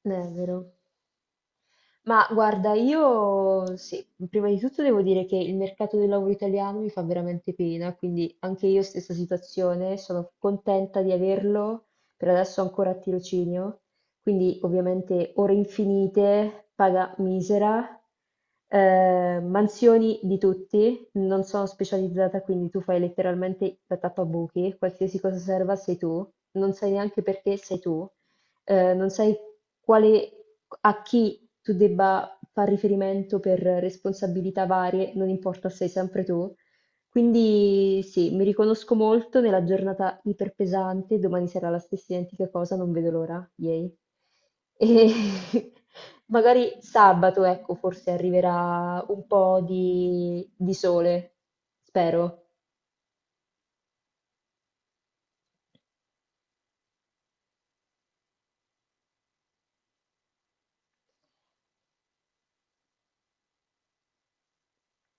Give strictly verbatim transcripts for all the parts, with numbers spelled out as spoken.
È vero. Ma guarda, io sì, prima di tutto devo dire che il mercato del lavoro italiano mi fa veramente pena, quindi anche io stessa situazione, sono contenta di averlo, per adesso ancora a tirocinio, quindi ovviamente ore infinite, paga misera, eh, mansioni di tutti, non sono specializzata, quindi tu fai letteralmente la tappabuchi, qualsiasi cosa serva sei tu, non sai neanche perché sei tu eh, non sai quale, a chi tu debba far riferimento per responsabilità varie, non importa, sei sempre tu. Quindi sì, mi riconosco molto nella giornata iperpesante, domani sarà la stessa identica cosa, non vedo l'ora, yay. E magari sabato, ecco, forse arriverà un po' di, di sole, spero.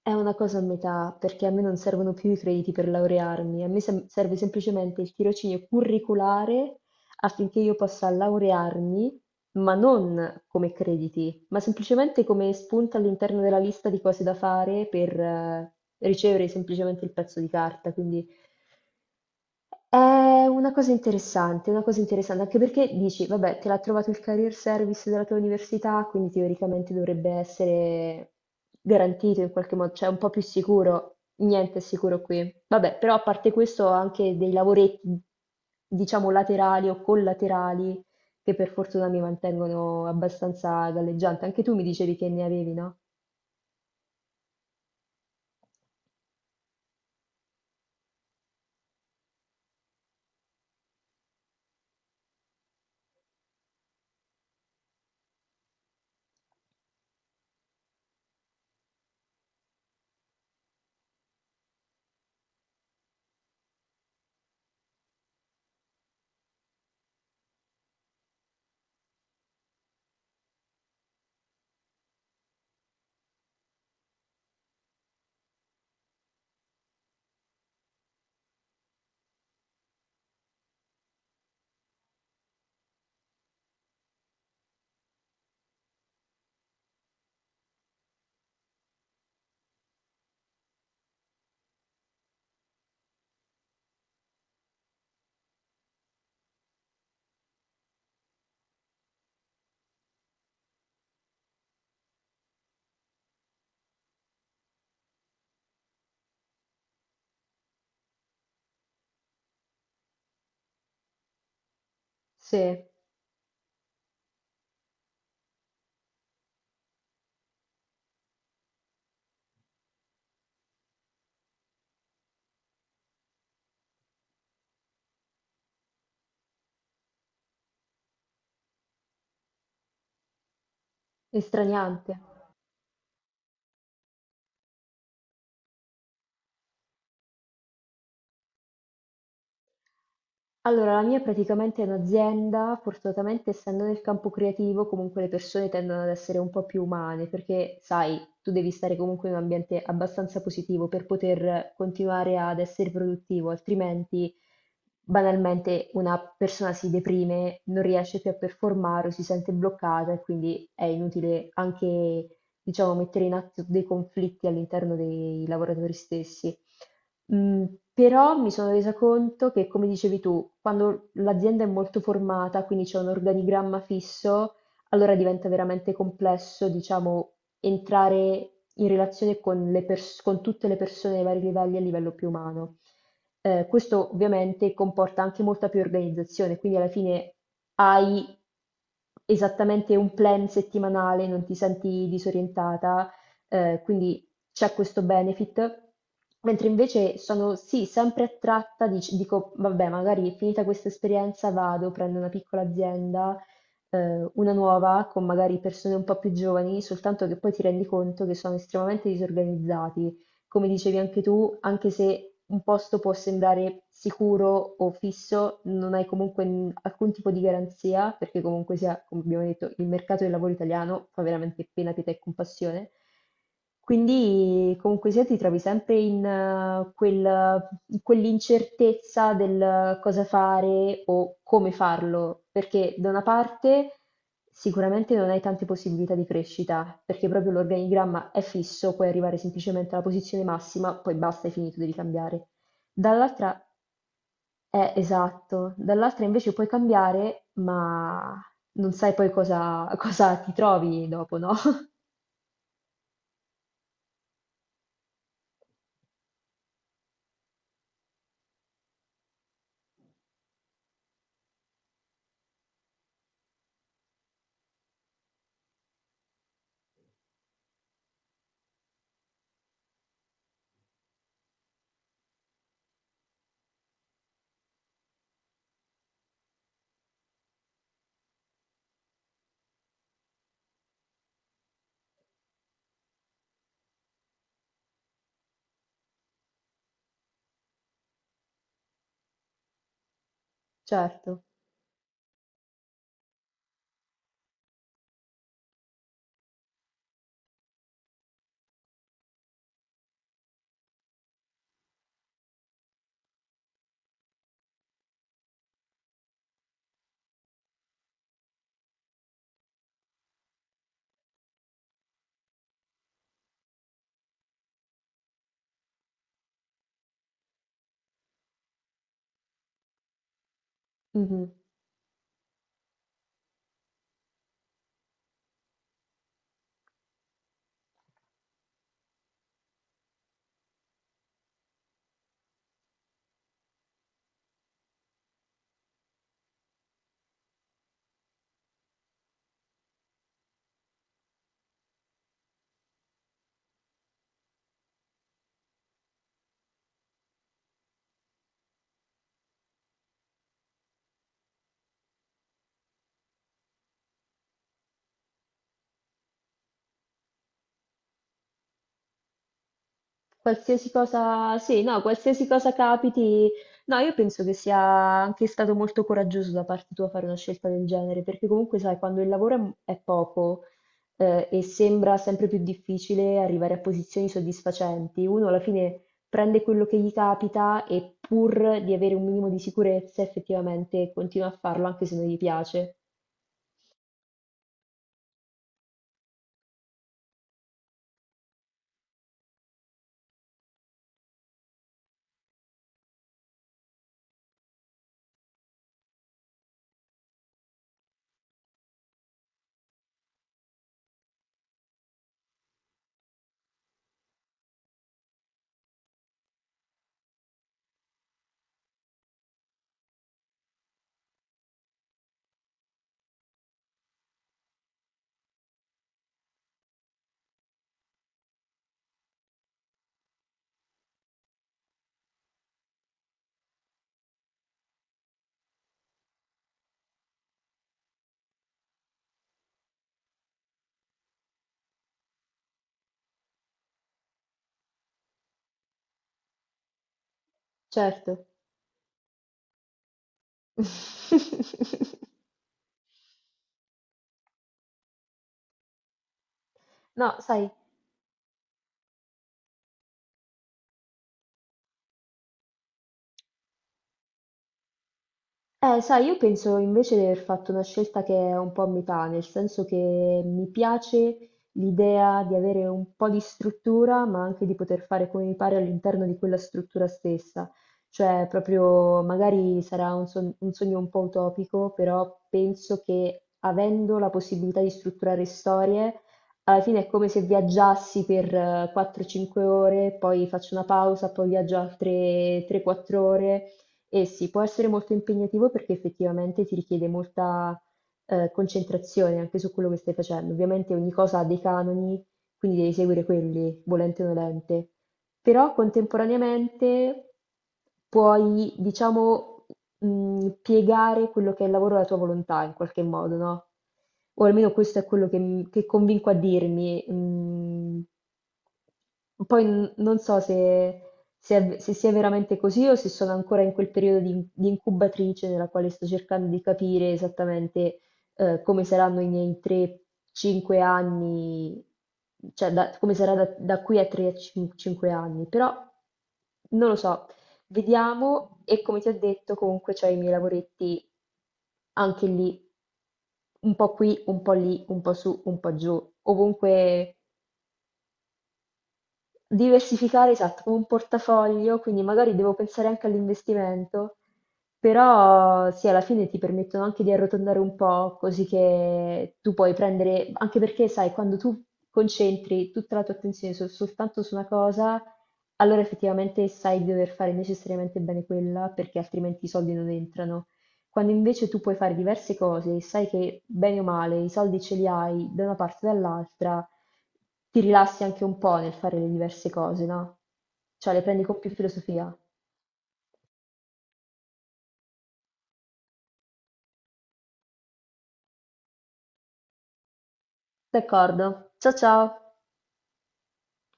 È una cosa a metà, perché a me non servono più i crediti per laurearmi, a me sem- serve semplicemente il tirocinio curriculare affinché io possa laurearmi, ma non come crediti, ma semplicemente come spunta all'interno della lista di cose da fare per eh, ricevere semplicemente il pezzo di carta. Quindi è una cosa interessante, una cosa interessante, anche perché dici, vabbè, te l'ha trovato il career service della tua università, quindi teoricamente dovrebbe essere garantito in qualche modo, cioè un po' più sicuro. Niente è sicuro qui. Vabbè, però a parte questo ho anche dei lavoretti, diciamo, laterali o collaterali che per fortuna mi mantengono abbastanza galleggiante. Anche tu mi dicevi che ne avevi, no? Sì, estraniante. Allora, la mia è praticamente un'azienda, fortunatamente essendo nel campo creativo, comunque le persone tendono ad essere un po' più umane, perché sai, tu devi stare comunque in un ambiente abbastanza positivo per poter continuare ad essere produttivo, altrimenti banalmente una persona si deprime, non riesce più a performare o si sente bloccata e quindi è inutile anche diciamo, mettere in atto dei conflitti all'interno dei lavoratori stessi. Mm, però mi sono resa conto che, come dicevi tu, quando l'azienda è molto formata, quindi c'è un organigramma fisso, allora diventa veramente complesso, diciamo, entrare in relazione con le pers- con tutte le persone ai vari livelli a livello più umano. Eh, questo ovviamente comporta anche molta più organizzazione, quindi alla fine hai esattamente un plan settimanale, non ti senti disorientata, eh, quindi c'è questo benefit. Mentre invece sono sì, sempre attratta, dic- dico, vabbè, magari finita questa esperienza vado, prendo una piccola azienda ehm, una nuova con magari persone un po' più giovani, soltanto che poi ti rendi conto che sono estremamente disorganizzati come dicevi anche tu, anche se un posto può sembrare sicuro o fisso, non hai comunque n- alcun tipo di garanzia, perché comunque sia, come abbiamo detto, il mercato del lavoro italiano fa veramente pena, pietà e compassione. Quindi comunque sia ti trovi sempre in, eh, quel- in quell'incertezza del cosa fare o come farlo, perché da una parte sicuramente non hai tante possibilità di crescita, perché proprio l'organigramma è fisso, puoi arrivare semplicemente alla posizione massima, poi basta, hai finito, devi cambiare. Dall'altra, è esatto, dall'altra invece puoi cambiare, ma non sai poi cosa, cosa ti trovi dopo, no? Certo. Mhm. Qualsiasi cosa, sì, no, qualsiasi cosa capiti, no, io penso che sia anche stato molto coraggioso da parte tua fare una scelta del genere, perché comunque sai, quando il lavoro è m- è poco, eh, e sembra sempre più difficile arrivare a posizioni soddisfacenti, uno alla fine prende quello che gli capita e pur di avere un minimo di sicurezza, effettivamente continua a farlo anche se non gli piace. Certo. No, sai, Eh, sai, io penso invece di aver fatto una scelta che è un po' a metà, nel senso che mi piace l'idea di avere un po' di struttura, ma anche di poter fare come mi pare all'interno di quella struttura stessa. Cioè, proprio magari sarà un, son- un sogno un po' utopico, però penso che avendo la possibilità di strutturare storie, alla fine è come se viaggiassi per eh, quattro o cinque ore, poi faccio una pausa, poi viaggio altre tre quattro ore. Eh sì, può essere molto impegnativo perché effettivamente ti richiede molta eh, concentrazione anche su quello che stai facendo. Ovviamente ogni cosa ha dei canoni, quindi devi seguire quelli, volente o nolente. Però contemporaneamente puoi, diciamo, mh, piegare quello che è il lavoro alla tua volontà in qualche modo, no? O almeno questo è quello che, che convinco a dirmi. Mm. Poi n- non so se se, è- se sia veramente così o se sono ancora in quel periodo di, di incubatrice nella quale sto cercando di capire esattamente eh, come saranno i miei tre cinque anni, cioè da- come sarà da, da qui a tre o cinque anni, però non lo so, vediamo e come ti ho detto comunque ho i miei lavoretti anche lì, un po' qui, un po' lì, un po' su, un po' giù, ovunque. Diversificare, esatto, come un portafoglio, quindi magari devo pensare anche all'investimento, però sì, alla fine ti permettono anche di arrotondare un po', così che tu puoi prendere, anche perché sai, quando tu concentri tutta la tua attenzione sol- soltanto su una cosa, allora effettivamente sai di dover fare necessariamente bene quella, perché altrimenti i soldi non entrano. Quando invece tu puoi fare diverse cose e sai che bene o male i soldi ce li hai da una parte o dall'altra, ti rilassi anche un po' nel fare le diverse cose, no? Cioè le prendi con più filosofia. D'accordo. Ciao ciao.